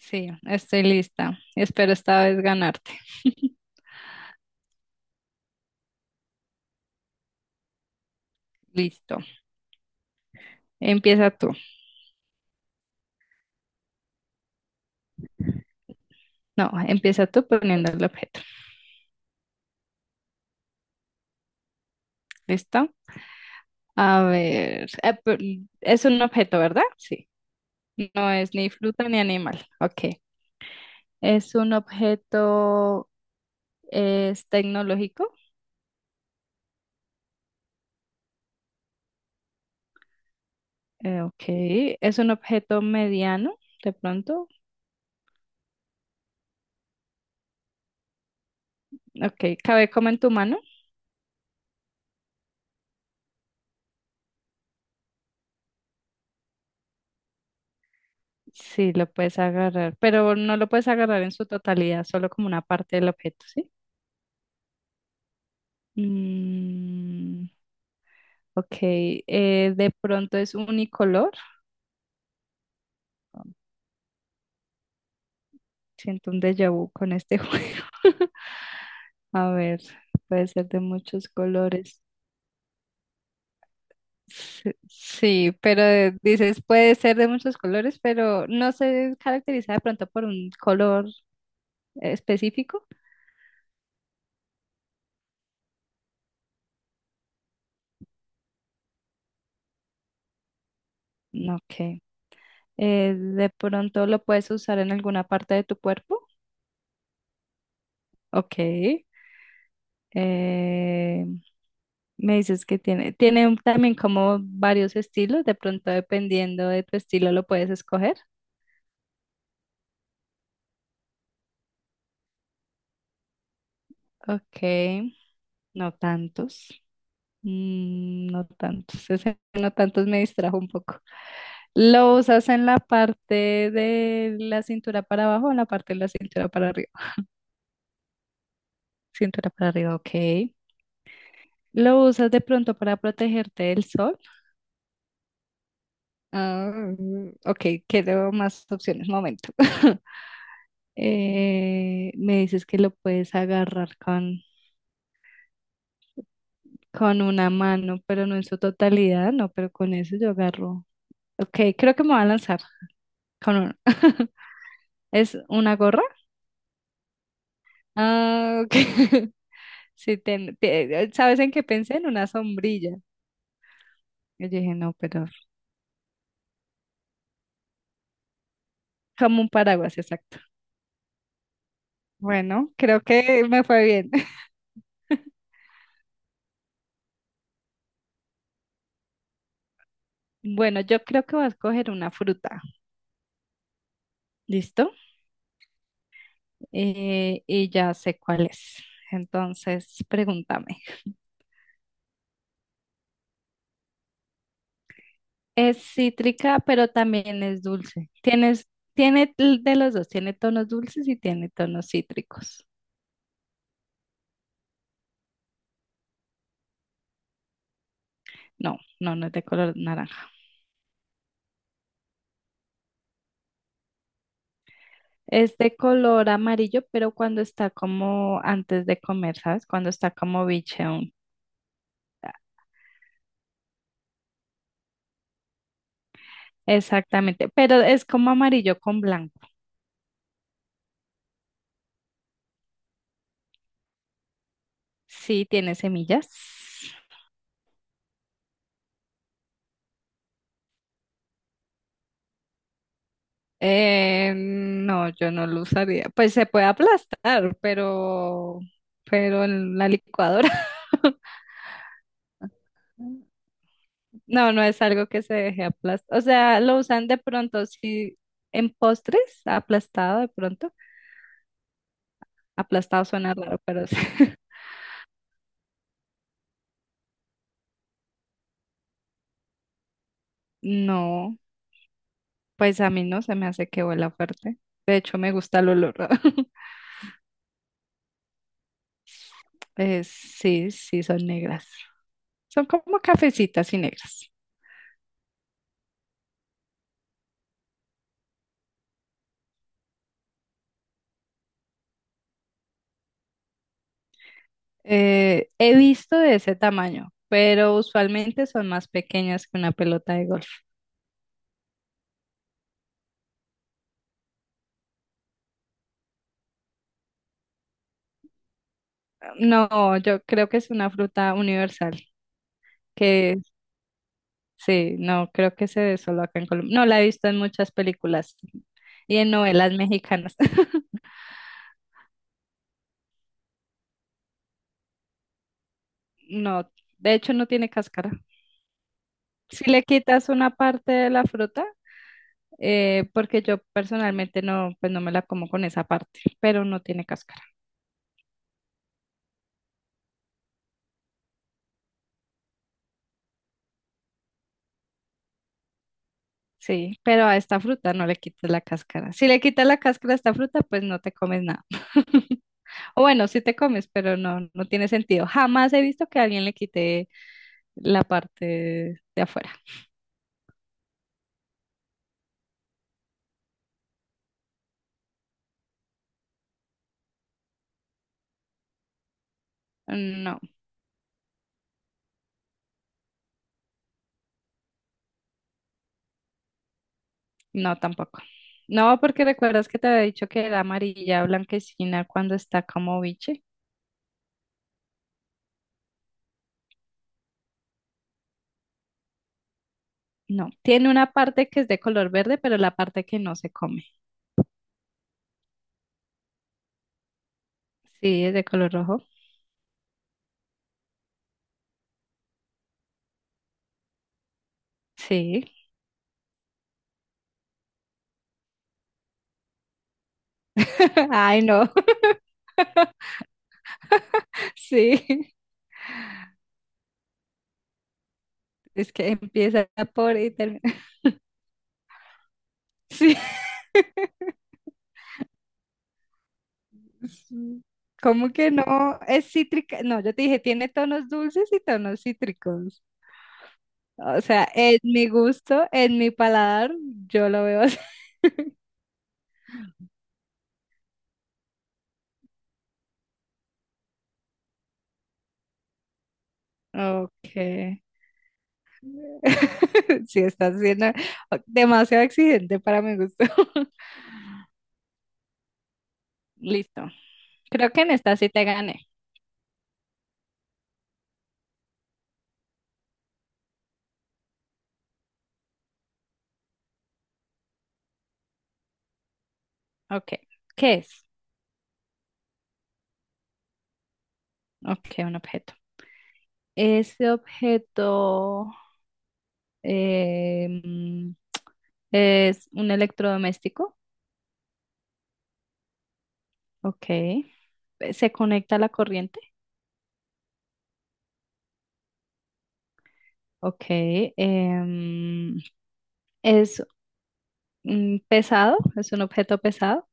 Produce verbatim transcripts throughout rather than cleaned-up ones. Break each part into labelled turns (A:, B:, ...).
A: Sí, estoy lista. Espero esta vez ganarte. Listo. Empieza tú. No, empieza tú poniendo el objeto. ¿Listo? A ver. eh, pe- Es un objeto, ¿verdad? Sí. No es ni fruta ni animal. Ok. Es un objeto, es tecnológico. Eh, ok. Es un objeto mediano, de pronto. Ok. Cabe como en tu mano. Sí, lo puedes agarrar, pero no lo puedes agarrar en su totalidad, solo como una parte del objeto, ¿sí? Mm, ok, eh, de pronto es unicolor. Siento un déjà vu con este juego. A ver, puede ser de muchos colores. Sí, sí, pero eh, dices puede ser de muchos colores, pero no se caracteriza de pronto por un color específico. No, Ok. Eh, de pronto lo puedes usar en alguna parte de tu cuerpo. Ok. Eh, me dices que tiene, tiene un- también como varios estilos, de pronto dependiendo de tu estilo lo puedes escoger. Ok, no tantos. Mm, no tantos, ese no tantos me distrajo un poco. ¿Lo usas en la parte de la cintura para abajo o en la parte de la cintura para arriba? Cintura para arriba, ok. ¿Lo usas de pronto para protegerte del sol? Ah, ok, quiero más opciones, momento. Eh, me dices que lo puedes agarrar con, con una mano, pero no en su totalidad, no, pero con eso yo agarro. Ok, creo que me va a lanzar con uno. ¿Es una gorra? Ah, ok. Sí, ten- te- ¿sabes en qué pensé? En una sombrilla. Yo dije, no, pero como un paraguas, exacto. Bueno, creo que me fue bien. Bueno, yo creo que voy a escoger una fruta. ¿Listo? Eh, y ya sé cuál es. Entonces, pregúntame. Es cítrica, pero también es dulce. Tienes, tiene l- de los dos, tiene tonos dulces y tiene tonos cítricos. No, no, no es de color naranja. Es de color amarillo, pero cuando está como antes de comer, ¿sabes? Cuando está como biche aún. Exactamente, pero es como amarillo con blanco. Sí, tiene semillas. Eh, no, yo no lo usaría. Pues se puede aplastar, pero, pero en la licuadora. No, no es algo que se deje aplastar. O sea, lo usan de pronto, sí, en postres, aplastado de pronto. Aplastado suena raro, pero sí. No, pues a mí no se me hace que huela fuerte. De hecho, me gusta el olor. Eh, sí, sí, son negras. Son como cafecitas y negras. Eh, he visto de ese tamaño, pero usualmente son más pequeñas que una pelota de golf. No, yo creo que es una fruta universal, que sí, no, creo que se ve solo acá en Colombia. No, la he visto en muchas películas y en novelas mexicanas. No, de hecho no tiene cáscara. Si le quitas una parte de la fruta, eh, porque yo personalmente no, pues no me la como con esa parte, pero no tiene cáscara. Sí, pero a esta fruta no le quitas la cáscara. Si le quitas la cáscara a esta fruta, pues no te comes nada. O bueno, sí te comes, pero no, no tiene sentido. Jamás he visto que alguien le quite la parte de afuera. No. No, tampoco. No, porque recuerdas que te había dicho que era amarilla blanquecina cuando está como biche. No, tiene una parte que es de color verde, pero la parte que no se come. Sí, es de color rojo. Sí. Ay, no. Sí. Es que empieza por y termina. Sí. Sí. ¿Cómo que no? Es cítrica. No, yo te dije, tiene tonos dulces y tonos cítricos. O sea, en mi gusto, en mi paladar, yo lo veo así. Ok. Si estás siendo demasiado exigente para mi gusto. Listo. Creo que en esta sí te gané. Ok. ¿Qué es? Ok, un objeto. Ese objeto em, es un electrodoméstico. Ok. ¿Se conecta a la corriente? Ok. Em, ¿es mm, pesado? ¿Es un objeto pesado?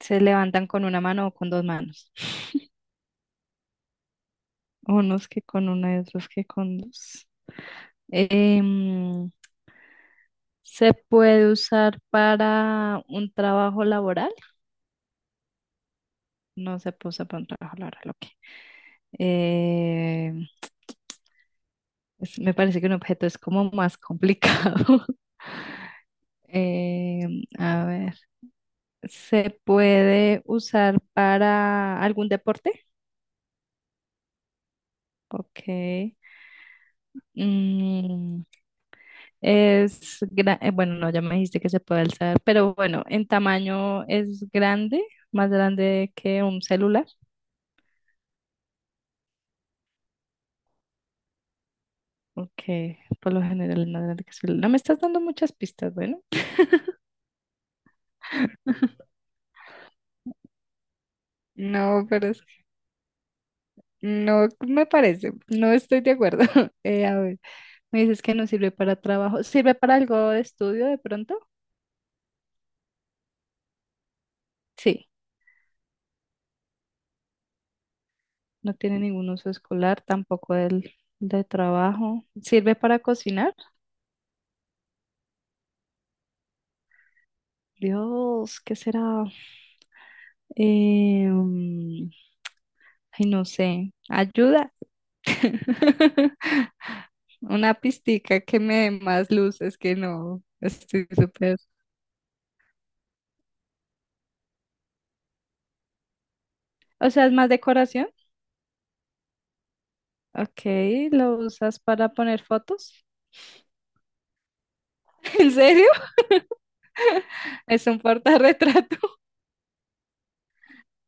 A: ¿Se levantan con una mano o con dos manos? Unos que con una y otros que con dos. Em, ¿se puede usar para un trabajo laboral? No se puede usar para un trabajo laboral, ok. Em, es- me parece que un objeto es como más complicado. Em, a ver, ¿se puede usar para algún deporte? Ok. Mm, es gra- eh, bueno, no, ya me dijiste que se puede alzar, pero bueno, en tamaño es grande, más grande que un celular. Ok, por lo general en Atlántica Sur. No me estás dando muchas pistas, bueno. No, pero es- no me parece, no estoy de acuerdo. Eh, a ver, me dices que no sirve para trabajo, ¿sirve para algo de estudio de pronto? Sí, no tiene ningún uso escolar, tampoco el de trabajo. ¿Sirve para cocinar? Dios, ¿qué será? Eh, mm, ay, no sé, ayuda. Una pistica que me dé más luces que no. Estoy súper. O sea, es más decoración. Ok, ¿lo usas para poner fotos? ¿En serio? Es un portarretrato.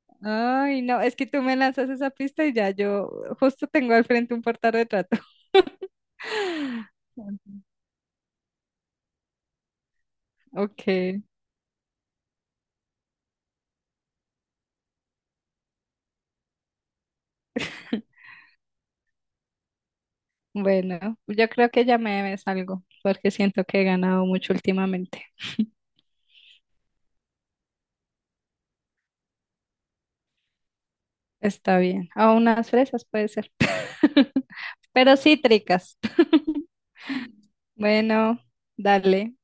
A: Ay, no, es que tú me lanzas esa pista y ya yo justo tengo al frente un portarretrato. Ok, bueno, yo creo que ya me debes algo porque siento que he ganado mucho últimamente. Está bien. O unas fresas puede ser. Pero cítricas. Bueno, dale.